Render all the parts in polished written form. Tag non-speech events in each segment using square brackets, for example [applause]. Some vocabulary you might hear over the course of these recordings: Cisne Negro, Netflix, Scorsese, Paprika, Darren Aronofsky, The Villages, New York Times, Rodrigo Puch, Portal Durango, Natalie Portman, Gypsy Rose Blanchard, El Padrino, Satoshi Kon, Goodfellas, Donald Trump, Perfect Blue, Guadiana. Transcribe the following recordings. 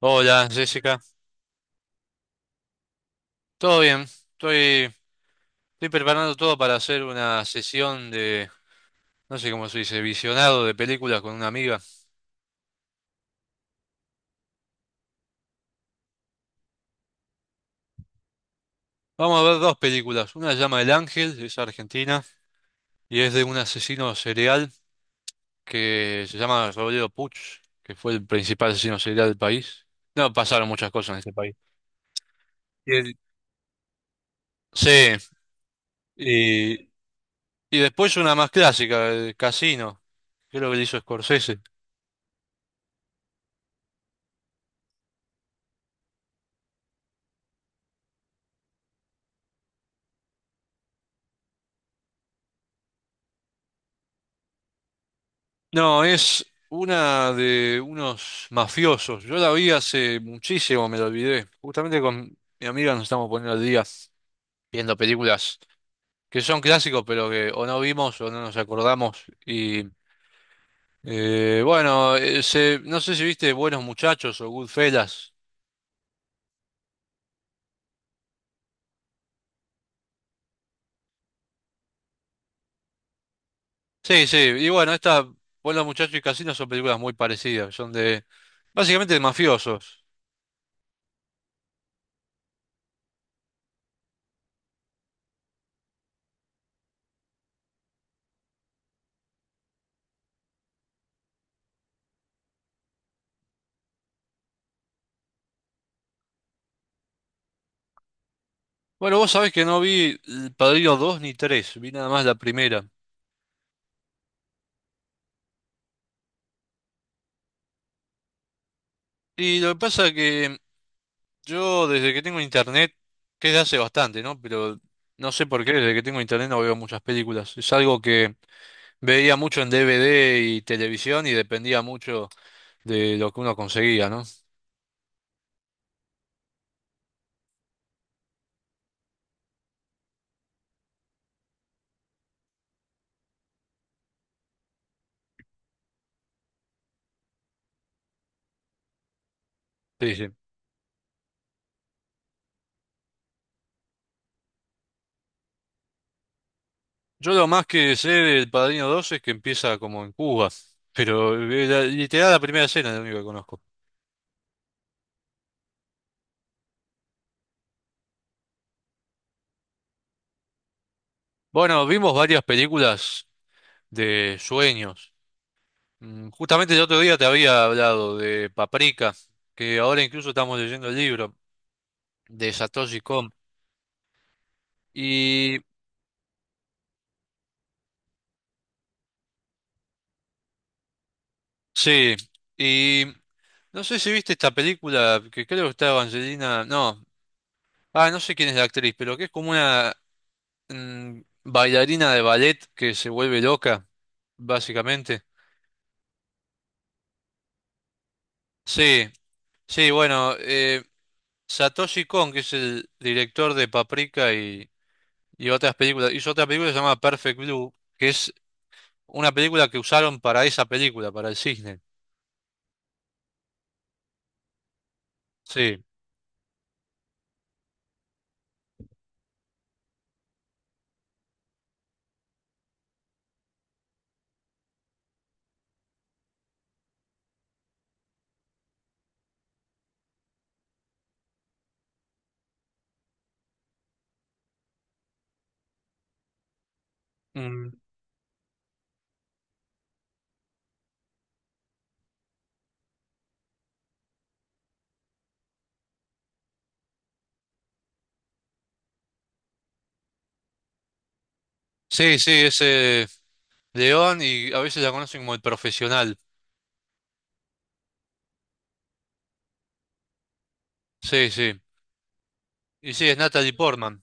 Hola, Jessica. ¿Todo bien? Estoy, estoy preparando todo para hacer una sesión de, no sé cómo se dice, visionado de películas con una amiga. Vamos a ver dos películas. Una se llama El Ángel, es argentina, y es de un asesino serial que se llama Rodrigo Puch, que fue el principal asesino serial del país. No, pasaron muchas cosas en este país. Y el- Sí, y, y después una más clásica, el Casino, creo que es lo que le hizo Scorsese. No, es una de unos mafiosos. Yo la vi hace muchísimo, me la olvidé. Justamente con mi amiga nos estamos poniendo al día viendo películas que son clásicos, pero que o no vimos o no nos acordamos. Y bueno, se- no sé si viste Buenos Muchachos o Goodfellas. Sí, sí. Y bueno, esta Buenos Muchachos y Casino son películas muy parecidas. Son de básicamente de mafiosos. Bueno, vos sabés que no vi El Padrino 2 ni 3. Vi nada más la primera. Y lo que pasa es que yo desde que tengo internet, que es de hace bastante, ¿no? Pero no sé por qué, desde que tengo internet no veo muchas películas. Es algo que veía mucho en DVD y televisión y dependía mucho de lo que uno conseguía, ¿no? Sí, sí. Yo lo más que sé del Padrino 2 es que empieza como en Cuba, pero la- literal la primera escena es lo único que conozco. Bueno, vimos varias películas de sueños. Justamente el otro día te había hablado de Paprika, que ahora incluso estamos leyendo el libro de Satoshi Kon. Y sí, y no sé si viste esta película que creo que está Angelina, no, ah, no sé quién es la actriz, pero que es como una mm, bailarina de ballet que se vuelve loca, básicamente. Sí, sí, bueno, Satoshi Kon, que es el director de Paprika y otras películas, hizo otra película llamada Perfect Blue, que es una película que usaron para esa película, para el cisne. Sí, Mm. Sí, sí, ese. León y a veces la conocen como el profesional. Sí, sí. Y sí, es Natalie Portman.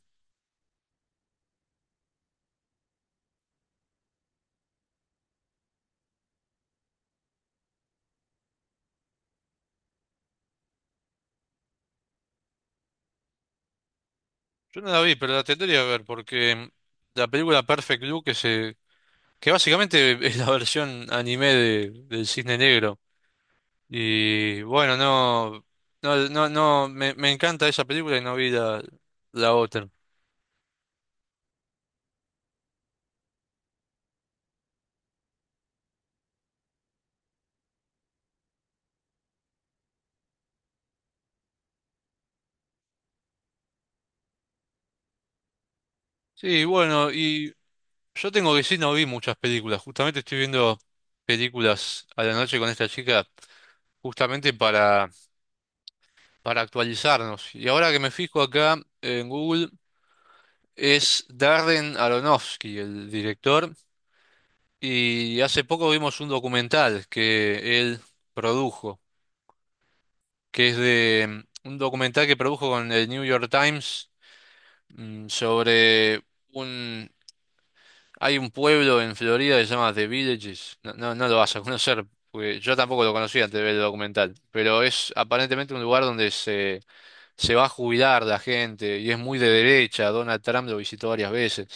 Yo no la vi, pero la tendría que ver porque la película Perfect Blue que se, que básicamente [laughs] es la versión anime de, del Cisne Negro. Y bueno, no, no, no, no, me encanta esa película y no vi la, la otra. Sí, bueno, y yo tengo que decir, no vi muchas películas. Justamente estoy viendo películas a la noche con esta chica, justamente para actualizarnos. Y ahora que me fijo acá en Google, es Darren Aronofsky, el director, y hace poco vimos un documental que él produjo, que es de un documental que produjo con el New York Times, sobre un... Hay un pueblo en Florida que se llama The Villages. No, no, no lo vas a conocer, porque yo tampoco lo conocía antes de ver el documental, pero es aparentemente un lugar donde se va a jubilar la gente y es muy de derecha. Donald Trump lo visitó varias veces.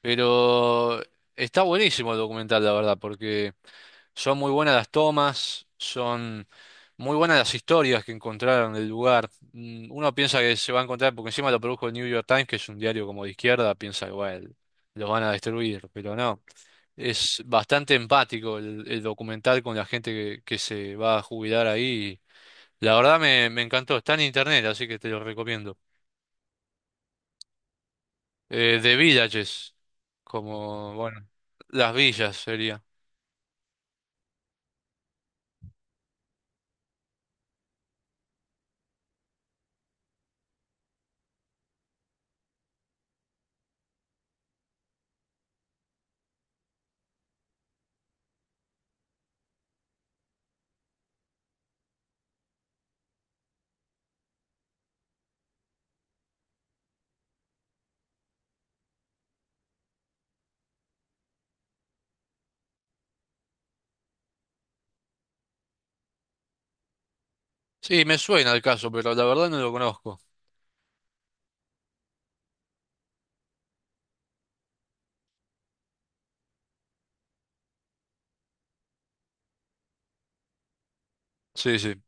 Pero está buenísimo el documental, la verdad, porque son muy buenas las tomas, son muy buenas las historias que encontraron del lugar. Uno piensa que se va a encontrar, porque encima lo produjo el New York Times, que es un diario como de izquierda, piensa que bueno, los van a destruir, pero no. Es bastante empático el documental con la gente que se va a jubilar ahí. La verdad me, me encantó, está en internet, así que te lo recomiendo. De villages, como, bueno, las villas sería. Sí, me suena el caso, pero la verdad no lo conozco. Sí, sí,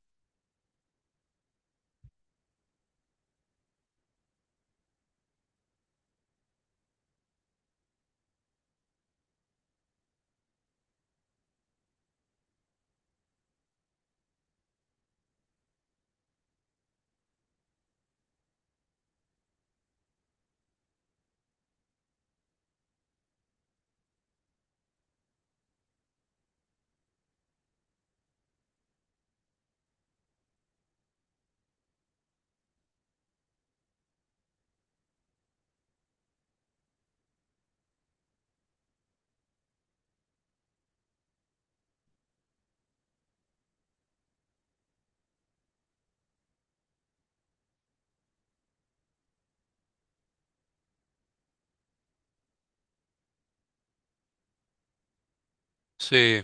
sí,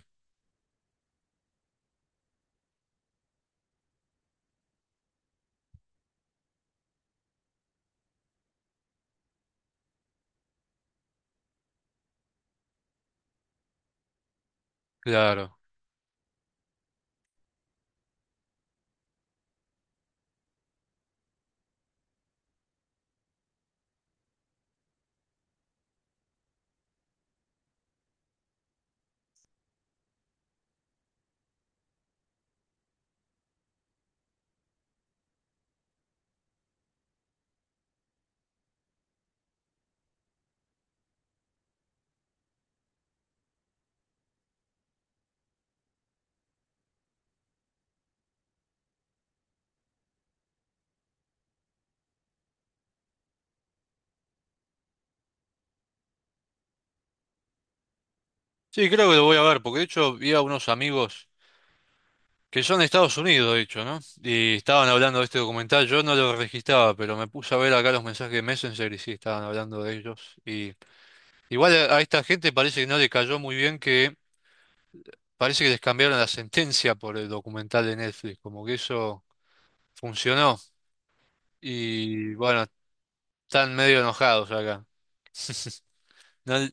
claro. Sí, creo que lo voy a ver, porque de hecho vi a unos amigos que son de Estados Unidos, de hecho, ¿no? Y estaban hablando de este documental, yo no lo registraba, pero me puse a ver acá los mensajes de Messenger y sí, estaban hablando de ellos. Y igual a esta gente parece que no le cayó muy bien que parece que les cambiaron la sentencia por el documental de Netflix, como que eso funcionó. Y bueno, están medio enojados acá. No-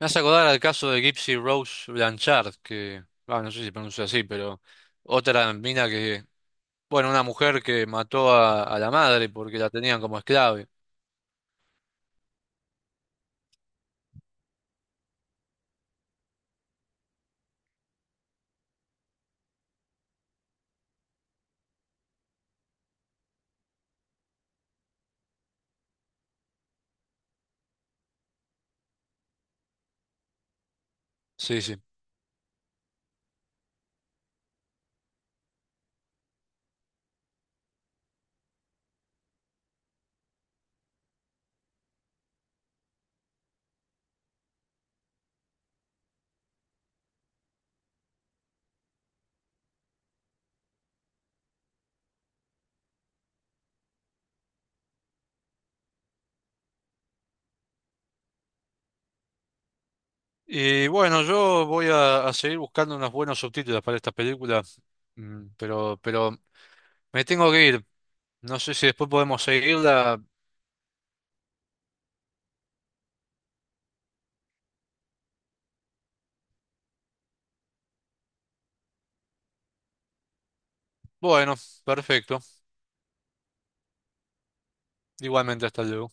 Me hace acordar al caso de Gypsy Rose Blanchard, que, ah, no sé si se pronuncia así, pero otra mina que, bueno, una mujer que mató a la madre porque la tenían como esclave. Sí, sí. Y bueno, yo voy a seguir buscando unos buenos subtítulos para esta película, pero me tengo que ir. No sé si después podemos seguirla. Bueno, perfecto. Igualmente, hasta luego.